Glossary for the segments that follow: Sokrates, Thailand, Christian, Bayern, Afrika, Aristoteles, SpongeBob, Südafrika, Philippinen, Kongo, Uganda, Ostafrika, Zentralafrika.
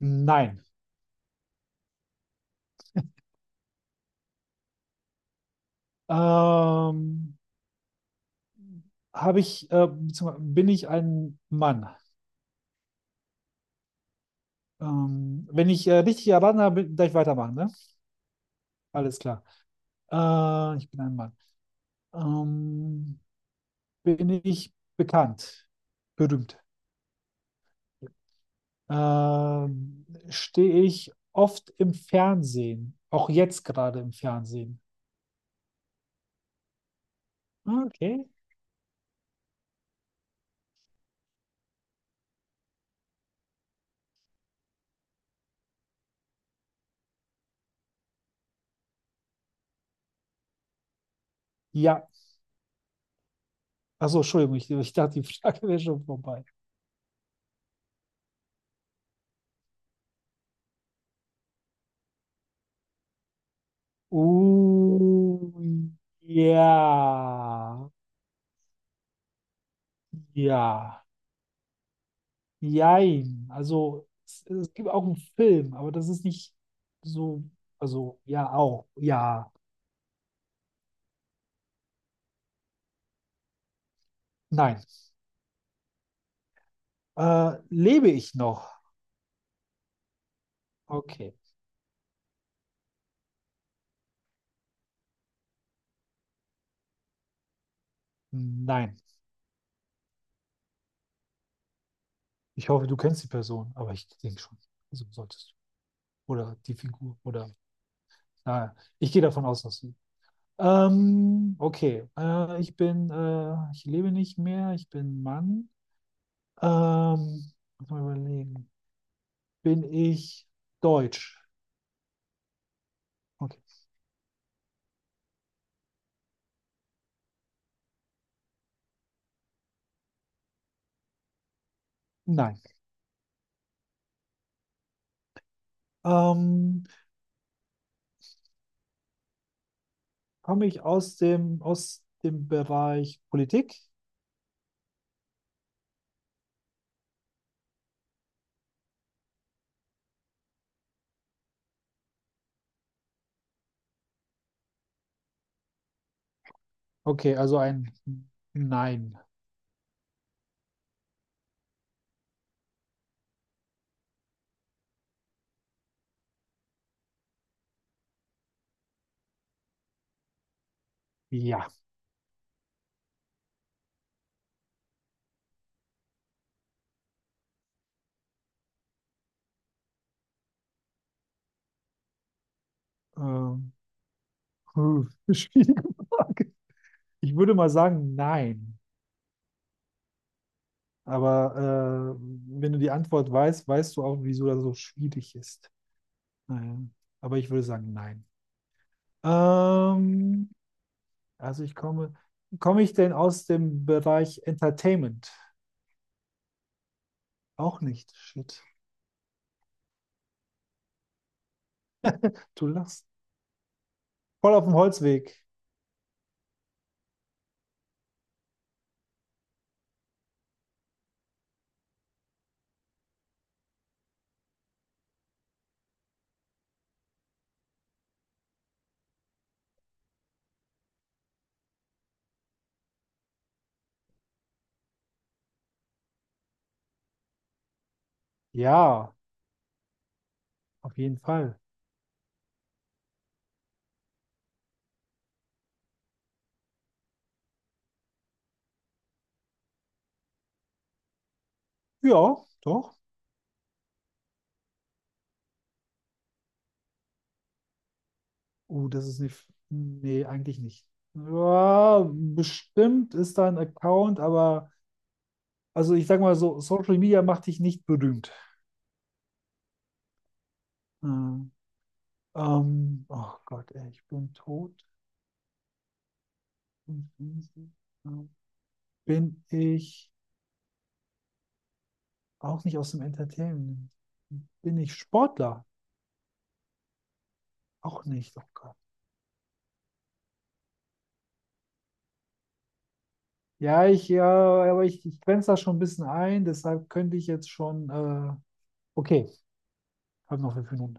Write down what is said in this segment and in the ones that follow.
Nein. Ähm, habe ich, beziehungsweise bin ich ein Mann? Wenn ich richtig erraten habe, darf ich weitermachen, ne? Alles klar. Ich bin ein Mann. Ähm, bin ich bekannt? Berühmt? Stehe ich oft im Fernsehen? Auch jetzt gerade im Fernsehen? Okay. Ja. Achso, Entschuldigung, ich dachte, die Frage wäre schon vorbei. Uh, ja. Ja, jein. Also es gibt auch einen Film, aber das ist nicht so, also ja, auch, ja, nein. Lebe ich noch? Okay, nein. Ich hoffe, du kennst die Person, aber ich denke schon, also solltest du. Oder die Figur, oder, naja, ich gehe davon aus, dass du. Okay, ich bin, ich lebe nicht mehr, ich bin Mann. Ähm, muss mal überlegen. Bin ich deutsch? Okay, nein. Ähm, komme ich aus dem Bereich Politik? Okay, also ein Nein. Ja. Ähm, puh, schwierige Frage. Ich würde mal sagen, nein. Aber wenn du die Antwort weißt, weißt du auch, wieso das so schwierig ist. Naja. Aber ich würde sagen, nein. Ähm, also ich komme, komme ich denn aus dem Bereich Entertainment? Auch nicht. Shit. Du lachst. Voll auf dem Holzweg. Ja. Auf jeden Fall. Ja, doch. Oh, das ist nicht. Nee, eigentlich nicht. Ja, bestimmt ist da ein Account, aber also ich sag mal so, Social Media macht dich nicht berühmt. Ähm, oh Gott, ey, ich bin tot. Bin ich auch nicht aus dem Entertainment? Bin ich Sportler? Auch nicht, oh Gott. Ja, ich, ja, aber ich grenze da schon ein bisschen ein, deshalb könnte ich jetzt schon, okay, habe noch 5 Minuten.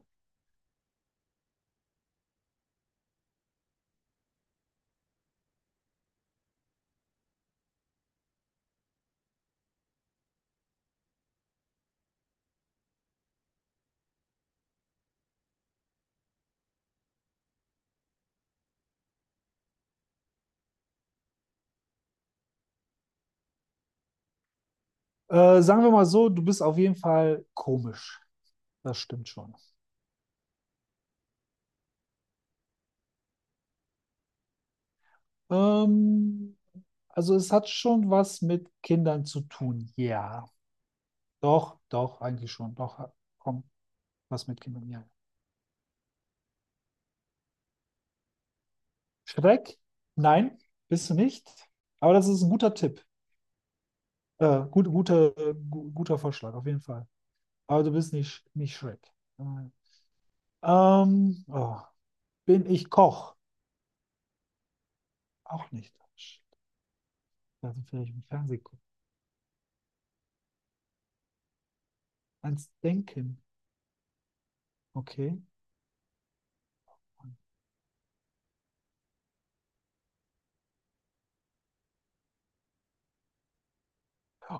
Sagen wir mal so, du bist auf jeden Fall komisch. Das stimmt schon. Ähm, also es hat schon was mit Kindern zu tun. Ja, doch, doch, eigentlich schon. Doch, komm, was mit Kindern. Ja. Schreck? Nein, bist du nicht. Aber das ist ein guter Tipp. Gut, guter, guter Vorschlag, auf jeden Fall. Aber du bist nicht, nicht Schreck. Nein. Oh, bin ich Koch? Auch nicht. Shit, also vielleicht im Fernsehen gucken. Ans Denken. Okay.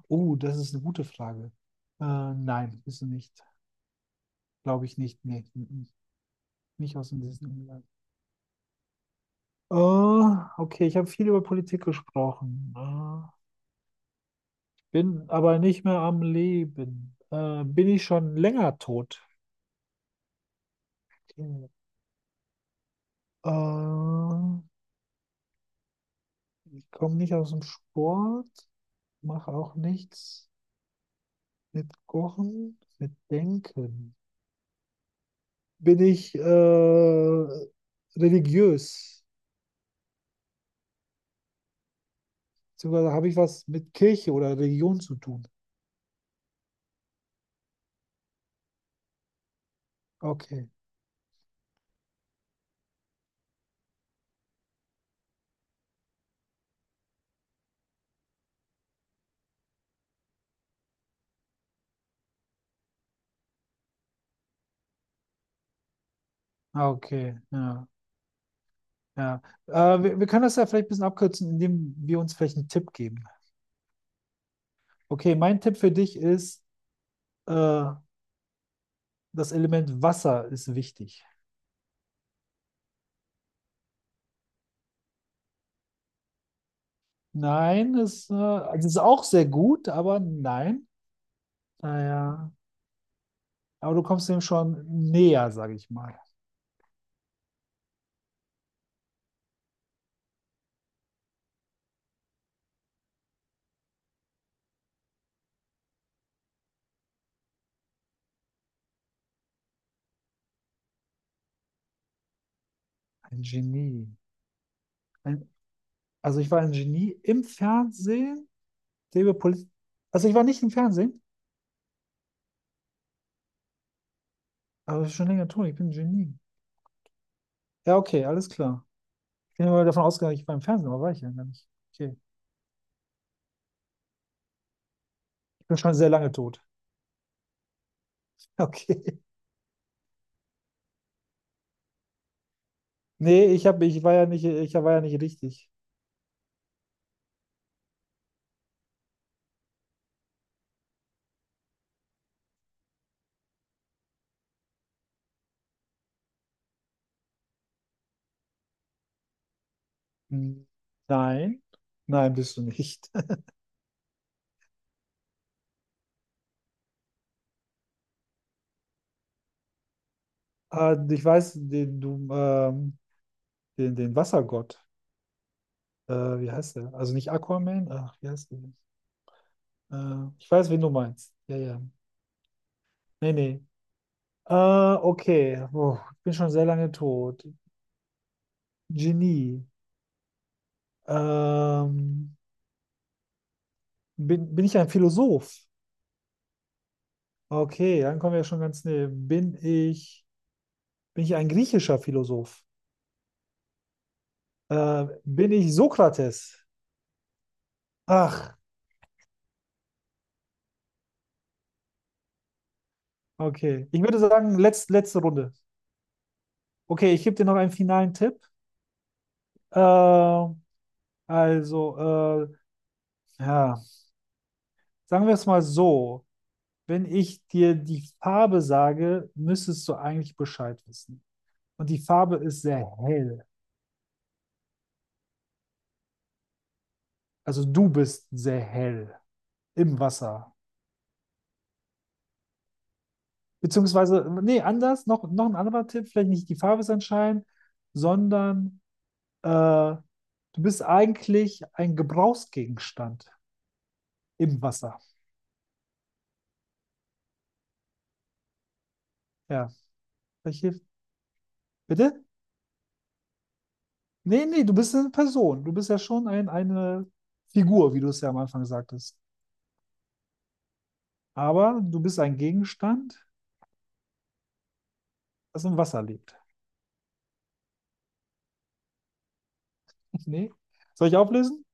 Oh, das ist eine gute Frage. Äh, nein, bist du nicht. Glaube ich nicht. Nee, mm, mm. Nicht aus dem Disneyland. Oh, okay, ich habe viel über Politik gesprochen. Ah, bin aber nicht mehr am Leben. Bin ich schon länger tot? Okay. Äh, ich komme nicht aus dem Sport, mache auch nichts mit Kochen, mit Denken. Bin ich religiös? Beziehungsweise habe ich was mit Kirche oder Religion zu tun? Okay. Ah, okay, ja, ja. Wir können das ja vielleicht ein bisschen abkürzen, indem wir uns vielleicht einen Tipp geben. Okay, mein Tipp für dich ist, äh, das Element Wasser ist wichtig. Nein, ist, also es ist auch sehr gut, aber nein. Naja, aber du kommst dem schon näher, sage ich mal. Ein Genie. Ein, also ich war ein Genie im Fernsehen, der über Politik. Also ich war nicht im Fernsehen, aber das ist schon länger tun. Ich bin ein Genie. Ja, okay, alles klar. Ich bin immer davon ausgegangen, ich war im Fernsehen, aber war ich ja gar nicht. Okay. Ich bin schon sehr lange tot. Okay. Nee, ich hab, ich war ja nicht, ich war ja nicht richtig. Hm. Nein. Nein, bist du nicht. Ah, ich weiß, den, du, den, den Wassergott. Äh, wie heißt der? Also nicht Aquaman? Ach, wie heißt der denn? Ich weiß, wen du meinst. Ja, ja. Nee, nee. Okay. Oh, ich bin schon sehr lange tot. Genie. Ähm, bin ich ein Philosoph? Okay, dann kommen wir ja schon ganz näher. Bin ich ein griechischer Philosoph? Bin ich Sokrates? Ach, okay. Ich würde sagen, letzte Runde. Okay, ich gebe dir noch einen finalen Tipp. Äh, also, ja, sagen wir es mal so. Wenn ich dir die Farbe sage, müsstest du eigentlich Bescheid wissen. Und die Farbe ist sehr hell. Also du bist sehr hell im Wasser. Beziehungsweise, nee, anders, noch, noch ein anderer Tipp, vielleicht nicht die Farbe ist entscheidend, sondern du bist eigentlich ein Gebrauchsgegenstand im Wasser. Ja, vielleicht hilft. Bitte? Nee, nee, du bist eine Person. Du bist ja schon ein, eine Figur, wie du es ja am Anfang sagtest. Aber du bist ein Gegenstand, das im Wasser lebt. Nee. Soll ich auflösen?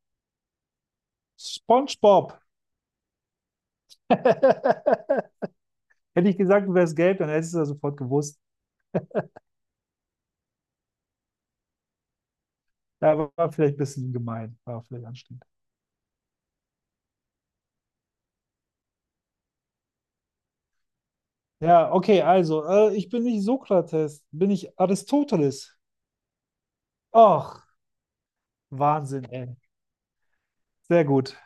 SpongeBob. Hätte ich gesagt, du wärst gelb, dann hättest du das sofort gewusst. Ja, war vielleicht ein bisschen gemein, war vielleicht anstrengend. Ja, okay, also, ich bin nicht Sokrates, bin ich Aristoteles. Ach, Wahnsinn, ey. Sehr gut.